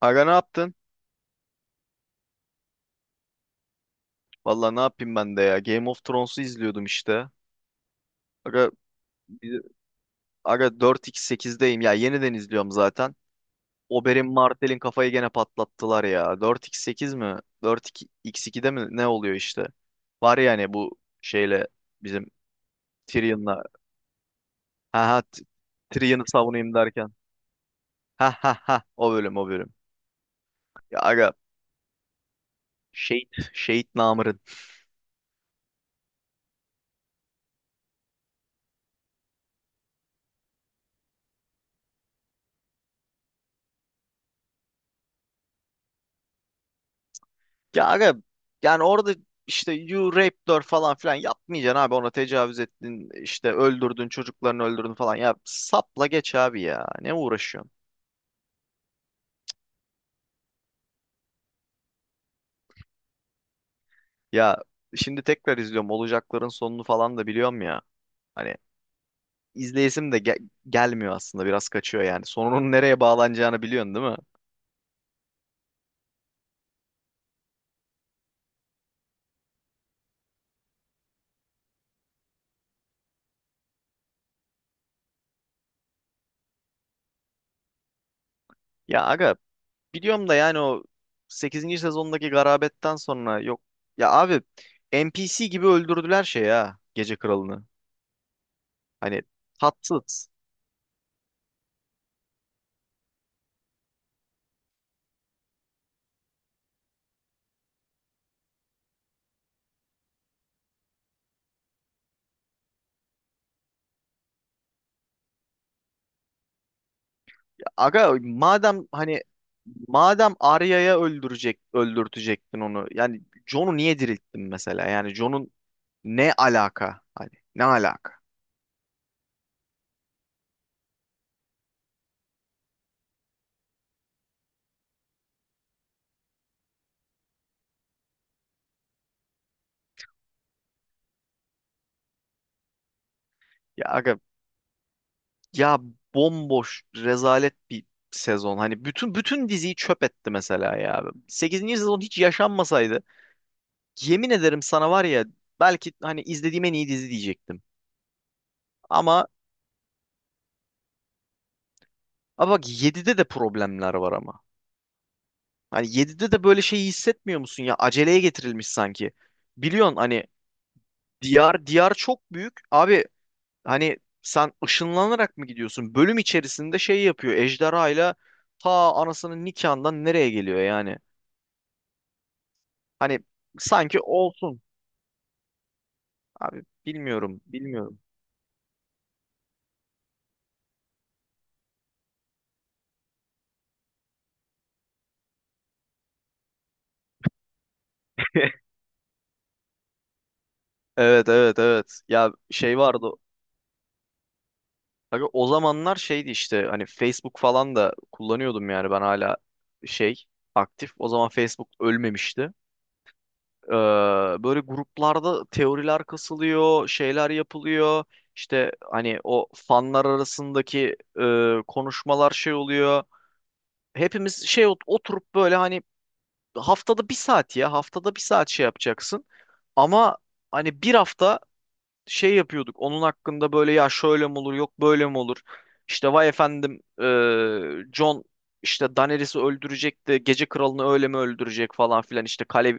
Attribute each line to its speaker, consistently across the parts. Speaker 1: Aga ne yaptın? Valla ne yapayım ben de ya. Game of Thrones'u izliyordum işte. Aga, bir- 4x8'deyim ya. Yeniden izliyorum zaten. Oberyn Martell'in kafayı gene patlattılar ya. 4x8 mi? 4x2'de mi? Ne oluyor işte? Var yani bu şeyle bizim Tyrion'la. Ha ha, Tyrion'u savunayım derken. Ha ha ha, o bölüm o bölüm. Ya aga Şehit, Şehit namı. Ya aga yani orada işte you raped her falan filan yapmayacaksın abi, ona tecavüz ettin işte, öldürdün, çocuklarını öldürdün falan, ya sapla geç abi, ya ne uğraşıyorsun? Ya şimdi tekrar izliyorum, olacakların sonunu falan da biliyorum ya, hani izleyesim de gelmiyor aslında, biraz kaçıyor yani. Sonunun nereye bağlanacağını biliyorsun değil mi? Ya aga, biliyorum da yani o sekizinci sezondaki garabetten sonra yok ya abi, NPC gibi öldürdüler şey ya, Gece Kralı'nı, hani tatsız. Aga madem hani, madem Arya'ya öldürtecektin onu. Yani Jon'u niye dirilttin mesela? Yani Jon'un ne alaka? Hani ne alaka? Ya aga ya, bomboş rezalet bir sezon. Hani bütün diziyi çöp etti mesela ya. Sekizinci sezon hiç yaşanmasaydı, yemin ederim sana var ya, belki hani izlediğim en iyi dizi diyecektim. Ama ama bak yedide de problemler var ama. Hani yedide de böyle şeyi hissetmiyor musun ya? Aceleye getirilmiş sanki. Biliyorsun hani, diyar diyar çok büyük. Abi hani sen ışınlanarak mı gidiyorsun? Bölüm içerisinde şey yapıyor. Ejderhayla ta anasının nikahından nereye geliyor yani? Hani sanki olsun. Abi bilmiyorum, bilmiyorum. Evet evet evet. Ya şey vardı. Abi o zamanlar şeydi işte, hani Facebook falan da kullanıyordum yani, ben hala şey, aktif. O zaman Facebook ölmemişti. Ee, Böyle gruplarda teoriler kasılıyor, şeyler yapılıyor. İşte hani o fanlar arasındaki konuşmalar şey oluyor. Hepimiz şey oturup böyle, hani haftada bir saat, ya haftada bir saat şey yapacaksın. Ama hani bir hafta şey yapıyorduk. Onun hakkında böyle, ya şöyle mi olur, yok böyle mi olur. İşte vay efendim John işte Daenerys'i öldürecek de, gece kralını öyle mi öldürecek falan filan, işte kale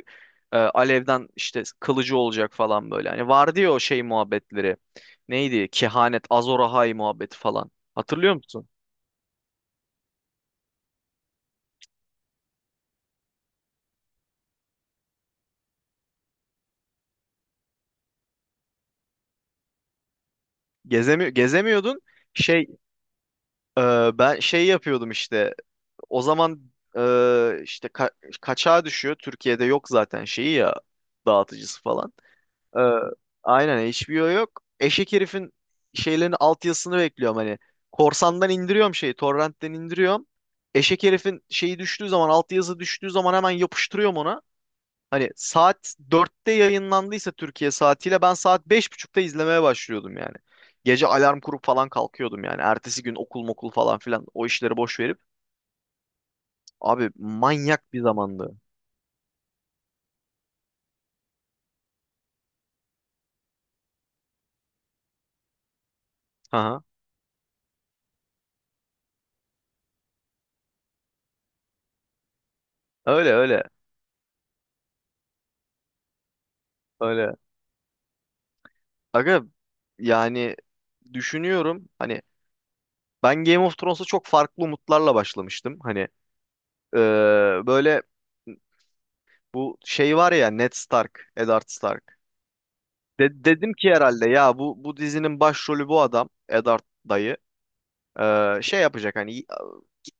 Speaker 1: alevden işte kılıcı olacak falan böyle. Hani vardı ya o şey muhabbetleri. Neydi? Kehanet, Azor Ahai muhabbeti falan. Hatırlıyor musun? Gezemiyordun. Şey ben şey yapıyordum işte. O zaman işte kaçağa düşüyor. Türkiye'de yok zaten şeyi ya, dağıtıcısı falan. Ee, aynen HBO yok. Eşek herifin şeylerin altyazısını bekliyorum hani. Korsandan indiriyorum şeyi, torrentten indiriyorum. Eşek herifin şeyi düştüğü zaman, altyazı düştüğü zaman hemen yapıştırıyorum ona. Hani saat 4'te yayınlandıysa Türkiye saatiyle ben saat 5.30'da izlemeye başlıyordum yani. Gece alarm kurup falan kalkıyordum yani. Ertesi gün okul mokul falan filan, o işleri boş verip. Abi manyak bir zamandı. Aha. Öyle öyle öyle. Aga yani düşünüyorum hani, ben Game of Thrones'a çok farklı umutlarla başlamıştım. Hani e, böyle bu şey var ya, Ned Stark, Eddard Stark. Dedim ki herhalde ya, bu dizinin başrolü bu adam Eddard dayı. Şey yapacak hani,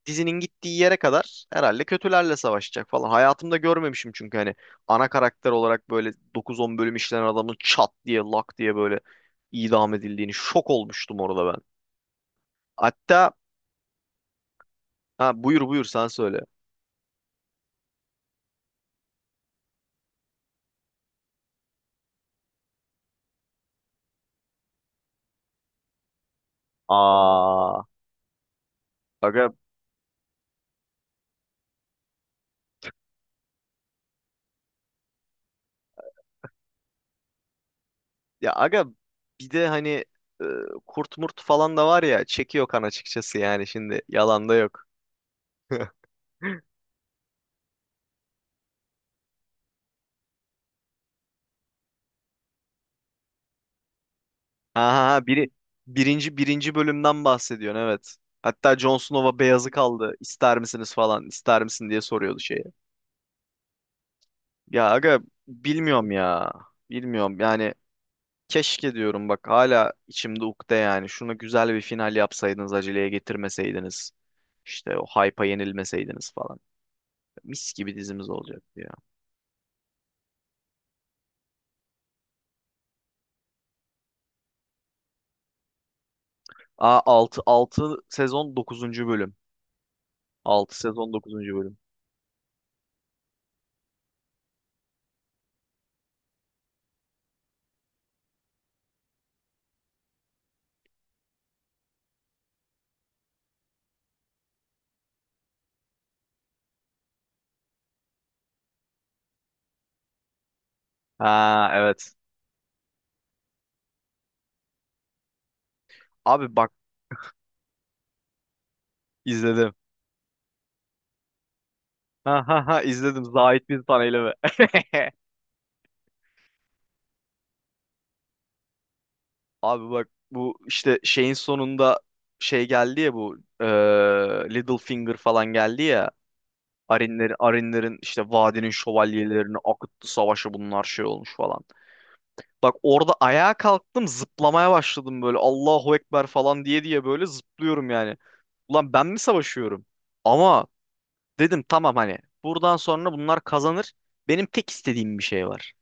Speaker 1: dizinin gittiği yere kadar herhalde kötülerle savaşacak falan. Hayatımda görmemişim çünkü, hani ana karakter olarak böyle dokuz on bölüm işlenen adamın çat diye lak diye böyle idam edildiğini, şok olmuştum orada ben. Hatta, ha buyur buyur sen söyle. Aa. Aga aga bir de hani e, kurt murt falan da var ya, çekiyor kan açıkçası yani, şimdi yalan da yok. Ha ha ha, birinci bölümden bahsediyorsun evet. Hatta Jon Snow'a beyazı kaldı. İster misiniz falan, ister misin diye soruyordu şeye. Ya aga bilmiyorum ya. Bilmiyorum yani, keşke diyorum bak, hala içimde ukde yani. Şunu güzel bir final yapsaydınız, aceleye getirmeseydiniz. İşte o hype'a yenilmeseydiniz falan. Mis gibi dizimiz olacak. Aa, altı sezon dokuzuncu bölüm. Altı sezon dokuzuncu bölüm. Ha evet. Abi bak izledim. Ha ha ha izledim. Zahit bir taneyle mi? Abi bak bu işte şeyin sonunda şey geldi ya, bu Little Finger falan geldi ya. Arinlerin işte vadinin şövalyelerini akıttı, savaşı bunlar şey olmuş falan. Bak orada ayağa kalktım, zıplamaya başladım böyle, Allahu Ekber falan diye diye böyle zıplıyorum yani. Ulan ben mi savaşıyorum? Ama dedim tamam hani, buradan sonra bunlar kazanır. Benim tek istediğim bir şey var.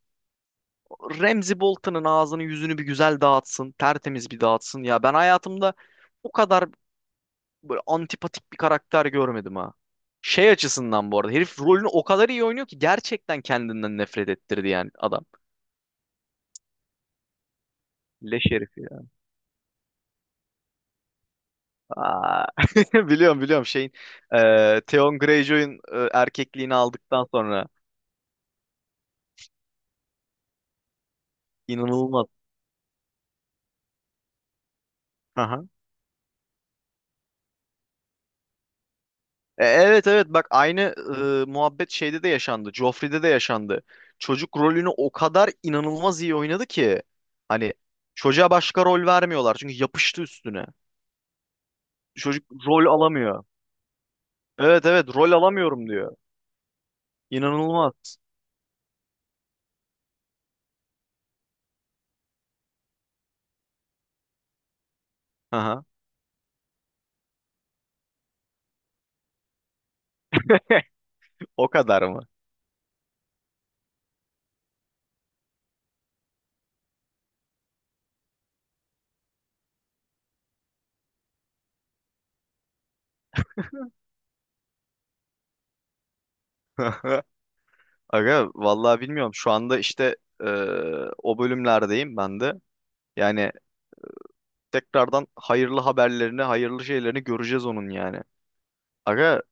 Speaker 1: Ramsey Bolton'un ağzını yüzünü bir güzel dağıtsın. Tertemiz bir dağıtsın. Ya ben hayatımda o kadar böyle antipatik bir karakter görmedim ha. Şey açısından bu arada, herif rolünü o kadar iyi oynuyor ki, gerçekten kendinden nefret ettirdi yani adam. Leş herif ya. Aa. Biliyorum biliyorum, şeyin Theon Greyjoy'un erkekliğini aldıktan sonra inanılmaz. Evet evet, bak aynı muhabbet şeyde de yaşandı. Joffrey'de de yaşandı. Çocuk rolünü o kadar inanılmaz iyi oynadı ki hani, çocuğa başka rol vermiyorlar çünkü yapıştı üstüne. Çocuk rol alamıyor. Evet evet, rol alamıyorum diyor. İnanılmaz. Aha, o kadar mı? Aga vallahi bilmiyorum. Şu anda işte e, o bölümlerdeyim ben de. Yani tekrardan hayırlı haberlerini, hayırlı şeylerini göreceğiz onun yani. Aga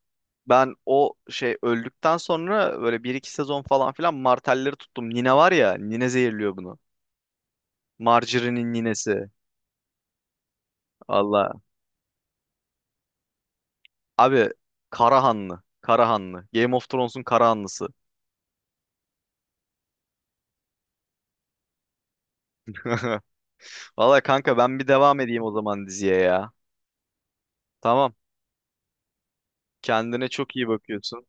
Speaker 1: ben o şey öldükten sonra böyle bir iki sezon falan filan martelleri tuttum. Nine var ya, Nine zehirliyor bunu. Marjorie'nin ninesi. Allah. Abi Karahanlı. Karahanlı. Game of Thrones'un Karahanlısı. Valla kanka ben bir devam edeyim o zaman diziye ya. Tamam. Kendine çok iyi bakıyorsun.